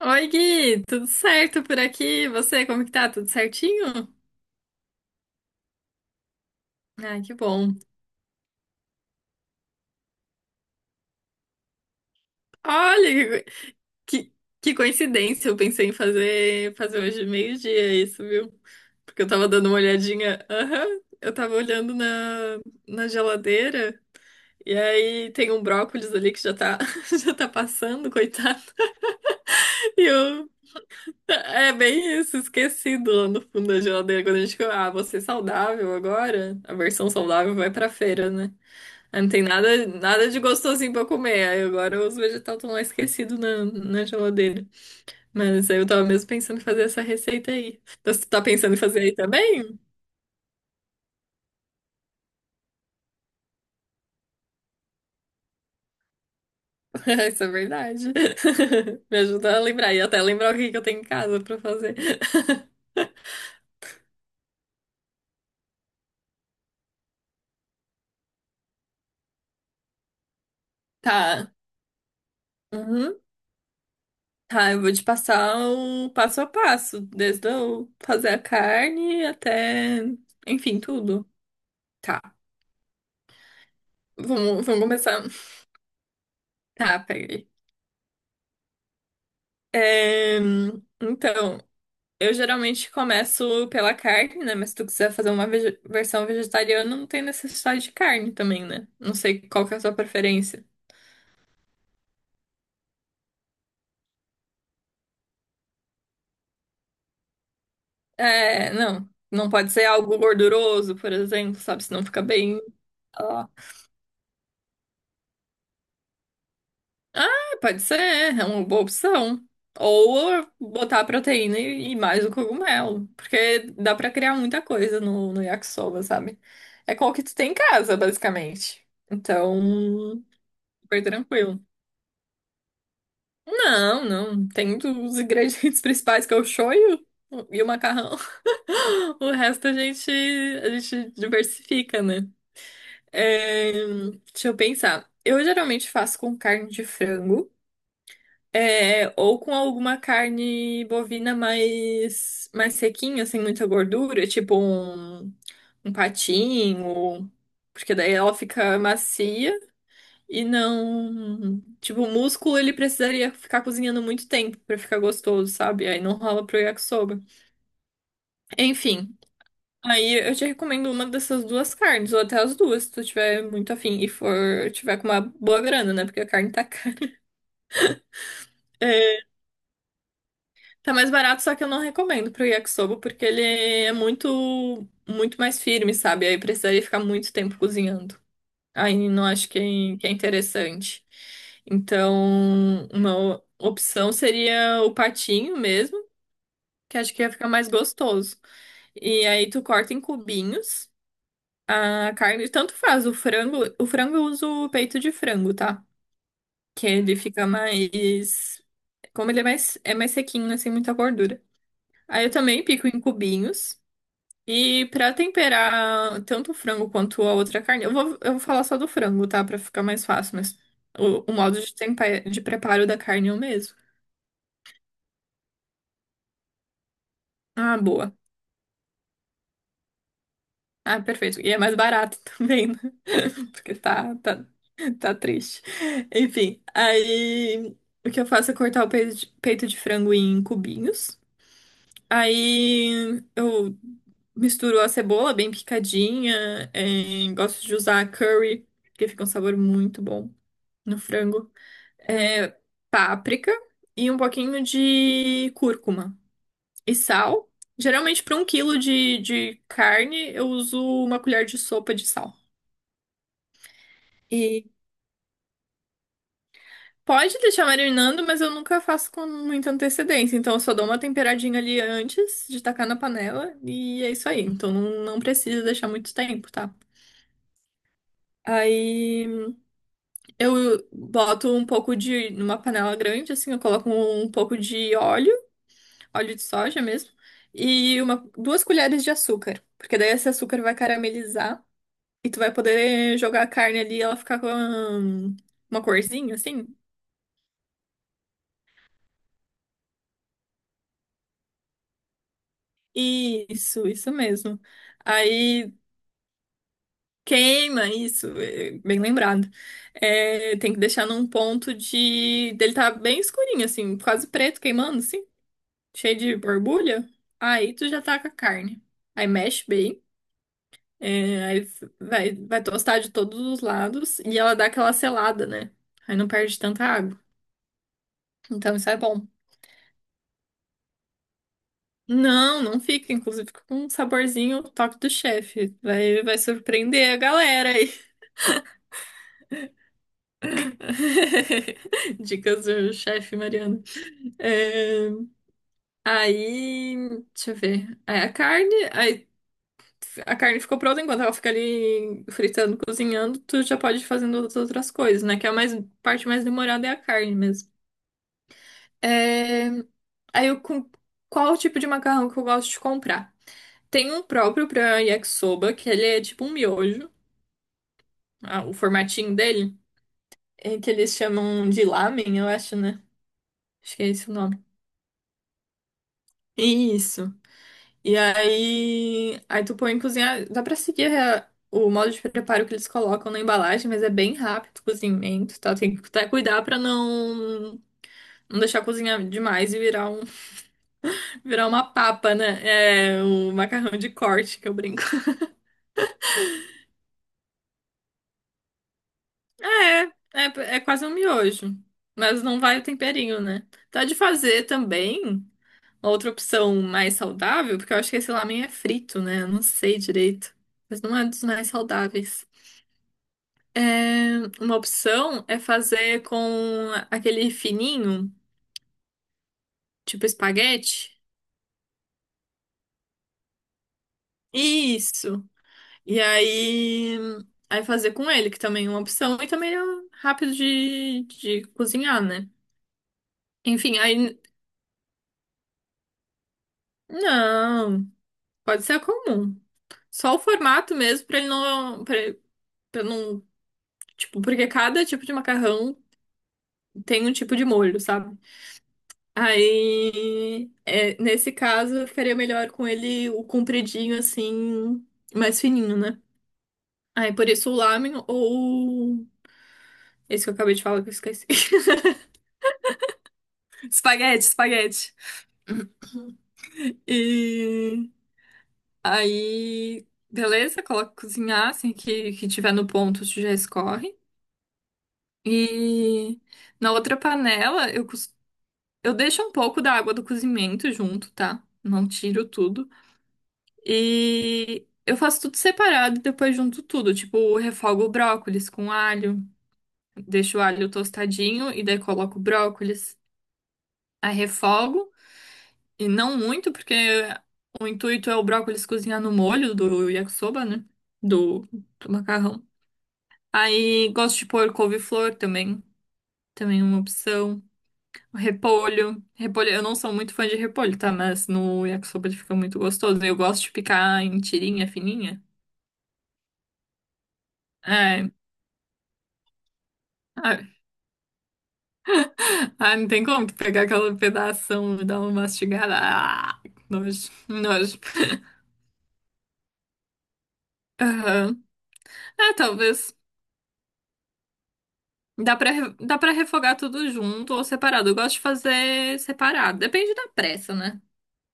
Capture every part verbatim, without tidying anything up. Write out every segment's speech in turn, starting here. Oi, Gui, tudo certo por aqui? E você, como que tá? Tudo certinho? Ai, que bom. Olha, que, que, que coincidência, eu pensei em fazer, fazer hoje meio-dia isso, viu? Porque eu tava dando uma olhadinha, aham, eu tava olhando na, na geladeira, e aí tem um brócolis ali que já tá, já tá passando, coitado, e eu... É bem isso, esquecido lá no fundo da geladeira, quando a gente fica, ah, vou ser saudável agora, a versão saudável vai pra feira, né? Ah, não tem nada, nada de gostosinho pra comer. Aí agora os vegetais estão lá esquecidos na, na geladeira. Mas aí eu tava mesmo pensando em fazer essa receita aí. Então, você tá pensando em fazer aí também? Isso é verdade. Me ajuda a lembrar. E até lembrar o que que eu tenho em casa pra fazer. Tá. Uhum. Tá, eu vou te passar o passo a passo, desde eu fazer a carne até, enfim, tudo. Tá. Vamos, vamos começar. Tá, peraí. É, então, eu geralmente começo pela carne, né? Mas se tu quiser fazer uma vege- versão vegetariana, não tem necessidade de carne também, né? Não sei qual que é a sua preferência. É, não. Não pode ser algo gorduroso, por exemplo, sabe? Senão fica bem. Ó. Ah, pode ser, é uma boa opção. Ou botar a proteína e, e mais o cogumelo. Porque dá pra criar muita coisa no, no yakisoba, sabe? É qual que tu tem em casa, basicamente. Então. Foi tranquilo. Não, não. Tem os ingredientes principais que é o shoyu e o macarrão. O resto a gente, a gente diversifica, né? É, deixa eu pensar. Eu geralmente faço com carne de frango, é, ou com alguma carne bovina mais, mais sequinha, sem muita gordura, tipo um, um patinho, porque daí ela fica macia. E não. Tipo, o músculo ele precisaria ficar cozinhando muito tempo pra ficar gostoso, sabe? Aí não rola pro yakisoba. Enfim, aí eu te recomendo uma dessas duas carnes, ou até as duas, se tu tiver muito afim e for tiver com uma boa grana, né? Porque a carne tá cara. É, tá mais barato, só que eu não recomendo pro yakisoba, porque ele é muito, muito mais firme, sabe? Aí precisaria ficar muito tempo cozinhando. Aí não acho que é, que é interessante. Então, uma opção seria o patinho mesmo, que acho que ia ficar mais gostoso. E aí tu corta em cubinhos a carne, tanto faz, o frango, o frango eu uso o peito de frango, tá? Que ele fica mais, como ele é mais, é mais sequinho, não tem muita gordura. Aí eu também pico em cubinhos. E pra temperar tanto o frango quanto a outra carne, eu vou, eu vou falar só do frango, tá? Pra ficar mais fácil, mas o, o modo de, tempe- de preparo da carne é o mesmo. Ah, boa. Ah, perfeito. E é mais barato também, né? Porque tá, tá, tá triste. Enfim, aí o que eu faço é cortar o peito de, peito de frango em cubinhos. Aí eu misturo a cebola bem picadinha. Eh, gosto de usar curry, porque fica um sabor muito bom no frango. É, páprica e um pouquinho de cúrcuma e sal. Geralmente, para um quilo de, de carne, eu uso uma colher de sopa de sal. E pode deixar marinando, mas eu nunca faço com muita antecedência. Então, eu só dou uma temperadinha ali antes de tacar na panela e é isso aí. Então, não, não precisa deixar muito tempo, tá? Aí eu boto um pouco de, numa panela grande, assim, eu coloco um pouco de óleo. Óleo de soja mesmo, e uma, duas colheres de açúcar, porque daí esse açúcar vai caramelizar e tu vai poder jogar a carne ali e ela ficar com hum, uma corzinha assim. Isso, isso mesmo. Aí queima isso, é, bem lembrado. É, tem que deixar num ponto de dele tá bem escurinho assim, quase preto queimando assim, cheio de borbulha. Aí tu já tá com a carne. Aí mexe bem. É, aí vai, vai tostar de todos os lados e ela dá aquela selada, né? Aí não perde tanta água. Então isso é bom. Não, não fica. Inclusive fica com um saborzinho toque do chefe. Vai, vai surpreender a galera aí. Dicas do chefe Mariana. É, aí, deixa eu ver. Aí a carne, aí a carne ficou pronta enquanto ela fica ali fritando, cozinhando, tu já pode ir fazendo as outras coisas, né? Que é a mais, parte mais demorada é a carne mesmo. É, aí eu com qual o tipo de macarrão que eu gosto de comprar? Tem um próprio pra yakisoba, que ele é tipo um miojo, ah, o formatinho dele, é que eles chamam de lamen, eu acho, né? Acho que é esse o nome. Isso. E aí, aí tu põe em cozinhar, dá pra seguir a- o modo de preparo que eles colocam na embalagem, mas é bem rápido o cozimento, tá? Tem que até cuidar pra não não deixar cozinhar demais e virar um virar uma papa, né? É o macarrão de corte que eu brinco. É, é, é quase um miojo, mas não vai o temperinho, né? Tá de fazer também uma outra opção mais saudável, porque eu acho que esse lamen é frito, né? Eu não sei direito, mas não é dos mais saudáveis. É, uma opção é fazer com aquele fininho, tipo espaguete. Isso. E aí, aí fazer com ele, que também é uma opção, e também é rápido de, de cozinhar, né? Enfim, aí. Não, pode ser a comum. Só o formato mesmo, pra ele não, pra, pra não, tipo, porque cada tipo de macarrão tem um tipo de molho, sabe? Aí, é, nesse caso, ficaria melhor com ele o compridinho, assim, mais fininho, né? Aí, por isso o lamen ou esse que eu acabei de falar que eu esqueci. Espaguete, espaguete. E aí, beleza, coloca cozinhar, assim, que, que tiver no ponto, tu já escorre. E na outra panela, eu costumo eu deixo um pouco da água do cozimento junto, tá? Não tiro tudo. E eu faço tudo separado e depois junto tudo. Tipo, refogo o brócolis com alho, deixo o alho tostadinho e daí coloco o brócolis. Aí refogo, e não muito, porque o intuito é o brócolis cozinhar no molho do yakisoba, né? Do, do macarrão. Aí gosto de pôr couve-flor também, também é uma opção. Repolho. Repolho. Eu não sou muito fã de repolho, tá? Mas no yakisoba ele fica muito gostoso. Eu gosto de picar em tirinha fininha. É. Ah, ah, não tem como tu pegar aquela pedação e dar uma mastigada. Ah, nojo, nojo. Aham. É, talvez. Dá pra, re- dá pra refogar tudo junto ou separado. Eu gosto de fazer separado. Depende da pressa, né?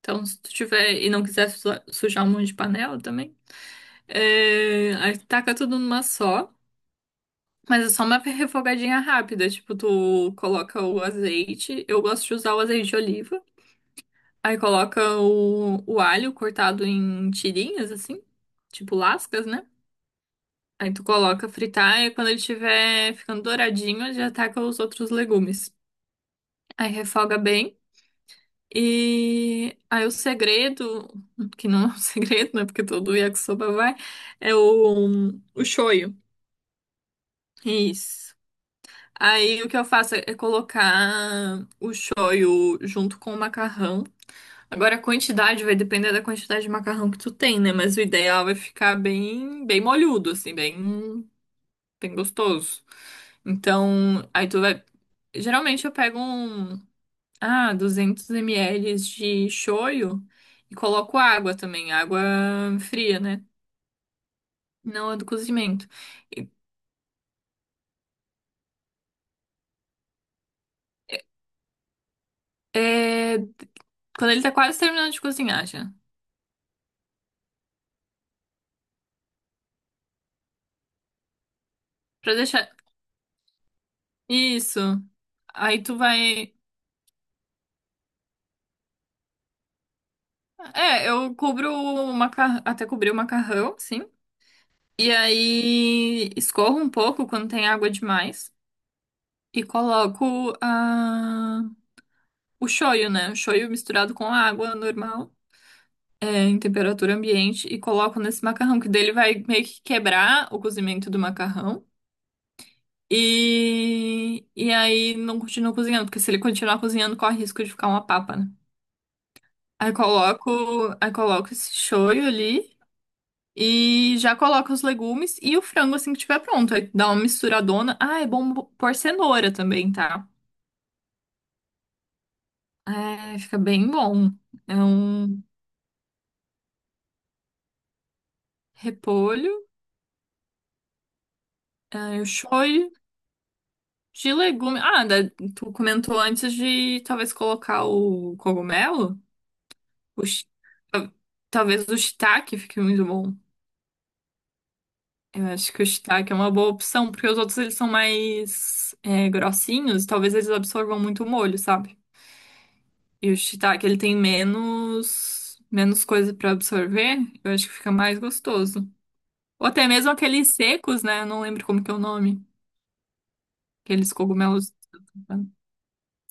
Então, se tu tiver e não quiser su- sujar um monte de panela também, é, aí taca tudo numa só. Mas é só uma refogadinha rápida, tipo, tu coloca o azeite, eu gosto de usar o azeite de oliva, aí coloca o, o alho cortado em tirinhas, assim, tipo lascas, né? Aí tu coloca fritar e quando ele estiver ficando douradinho, já taca os outros legumes. Aí refoga bem. E aí o segredo, que não é um segredo, né? Porque todo yakisoba vai, é o, o shoyu. Isso. Aí o que eu faço é colocar o shoyu junto com o macarrão. Agora a quantidade vai depender da quantidade de macarrão que tu tem, né? Mas o ideal é ficar bem, bem molhudo, assim, bem, bem gostoso. Então, aí tu vai. Geralmente eu pego um, ah, duzentos mililitros de shoyu e coloco água também, água fria, né? Não a do cozimento. É... Quando ele tá quase terminando de cozinhar já. Pra deixar isso. Aí tu vai. É, eu cubro o macarrão, até cobrir o macarrão, sim. E aí escorro um pouco quando tem água demais. E coloco a... o shoyu, né? O shoyu misturado com água normal, é, em temperatura ambiente. E coloco nesse macarrão, que dele vai meio que quebrar o cozimento do macarrão. E, e aí não continua cozinhando, porque se ele continuar cozinhando, corre risco de ficar uma papa, né? Aí coloco, aí coloco esse shoyu ali. E já coloca os legumes e o frango assim que tiver pronto. Aí dá uma misturadona. Ah, é bom pôr cenoura também, tá? É, fica bem bom. É um repolho, é o shoyu de legume. Ah, da- tu comentou antes de talvez colocar o cogumelo. O shi- ta- Talvez o shiitake fique muito bom. Eu acho que o shiitake é uma boa opção, porque os outros eles são mais é, grossinhos. Talvez eles absorvam muito o molho, sabe? E o shiitake, ele tem menos, menos coisa pra absorver. Eu acho que fica mais gostoso. Ou até mesmo aqueles secos, né? Eu não lembro como que é o nome. Aqueles cogumelos.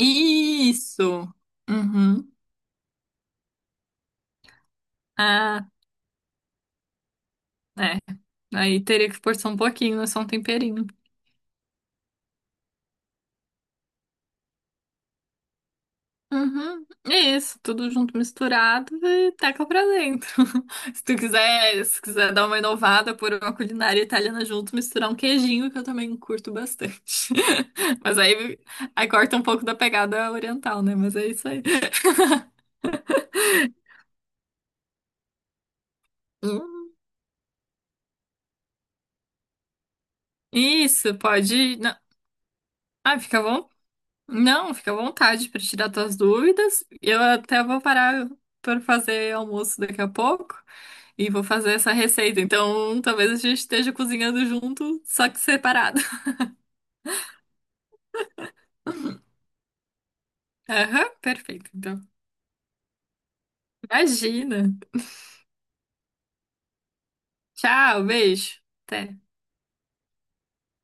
Isso! Uhum. Ah, é. Aí teria que forçar um pouquinho, é só um temperinho. Uhum. É isso, tudo junto misturado e teca pra dentro. Se tu quiser, se quiser dar uma inovada por uma culinária italiana junto, misturar um queijinho, que eu também curto bastante. Mas aí, aí corta um pouco da pegada oriental, né? Mas é isso aí. Hum. Isso, pode. Não. Ah, fica à Não, fica à vontade para tirar tuas dúvidas. Eu até vou parar para fazer almoço daqui a pouco e vou fazer essa receita. Então, talvez a gente esteja cozinhando junto, só que separado. Aham, perfeito. Então, imagina. Tchau, beijo. Até.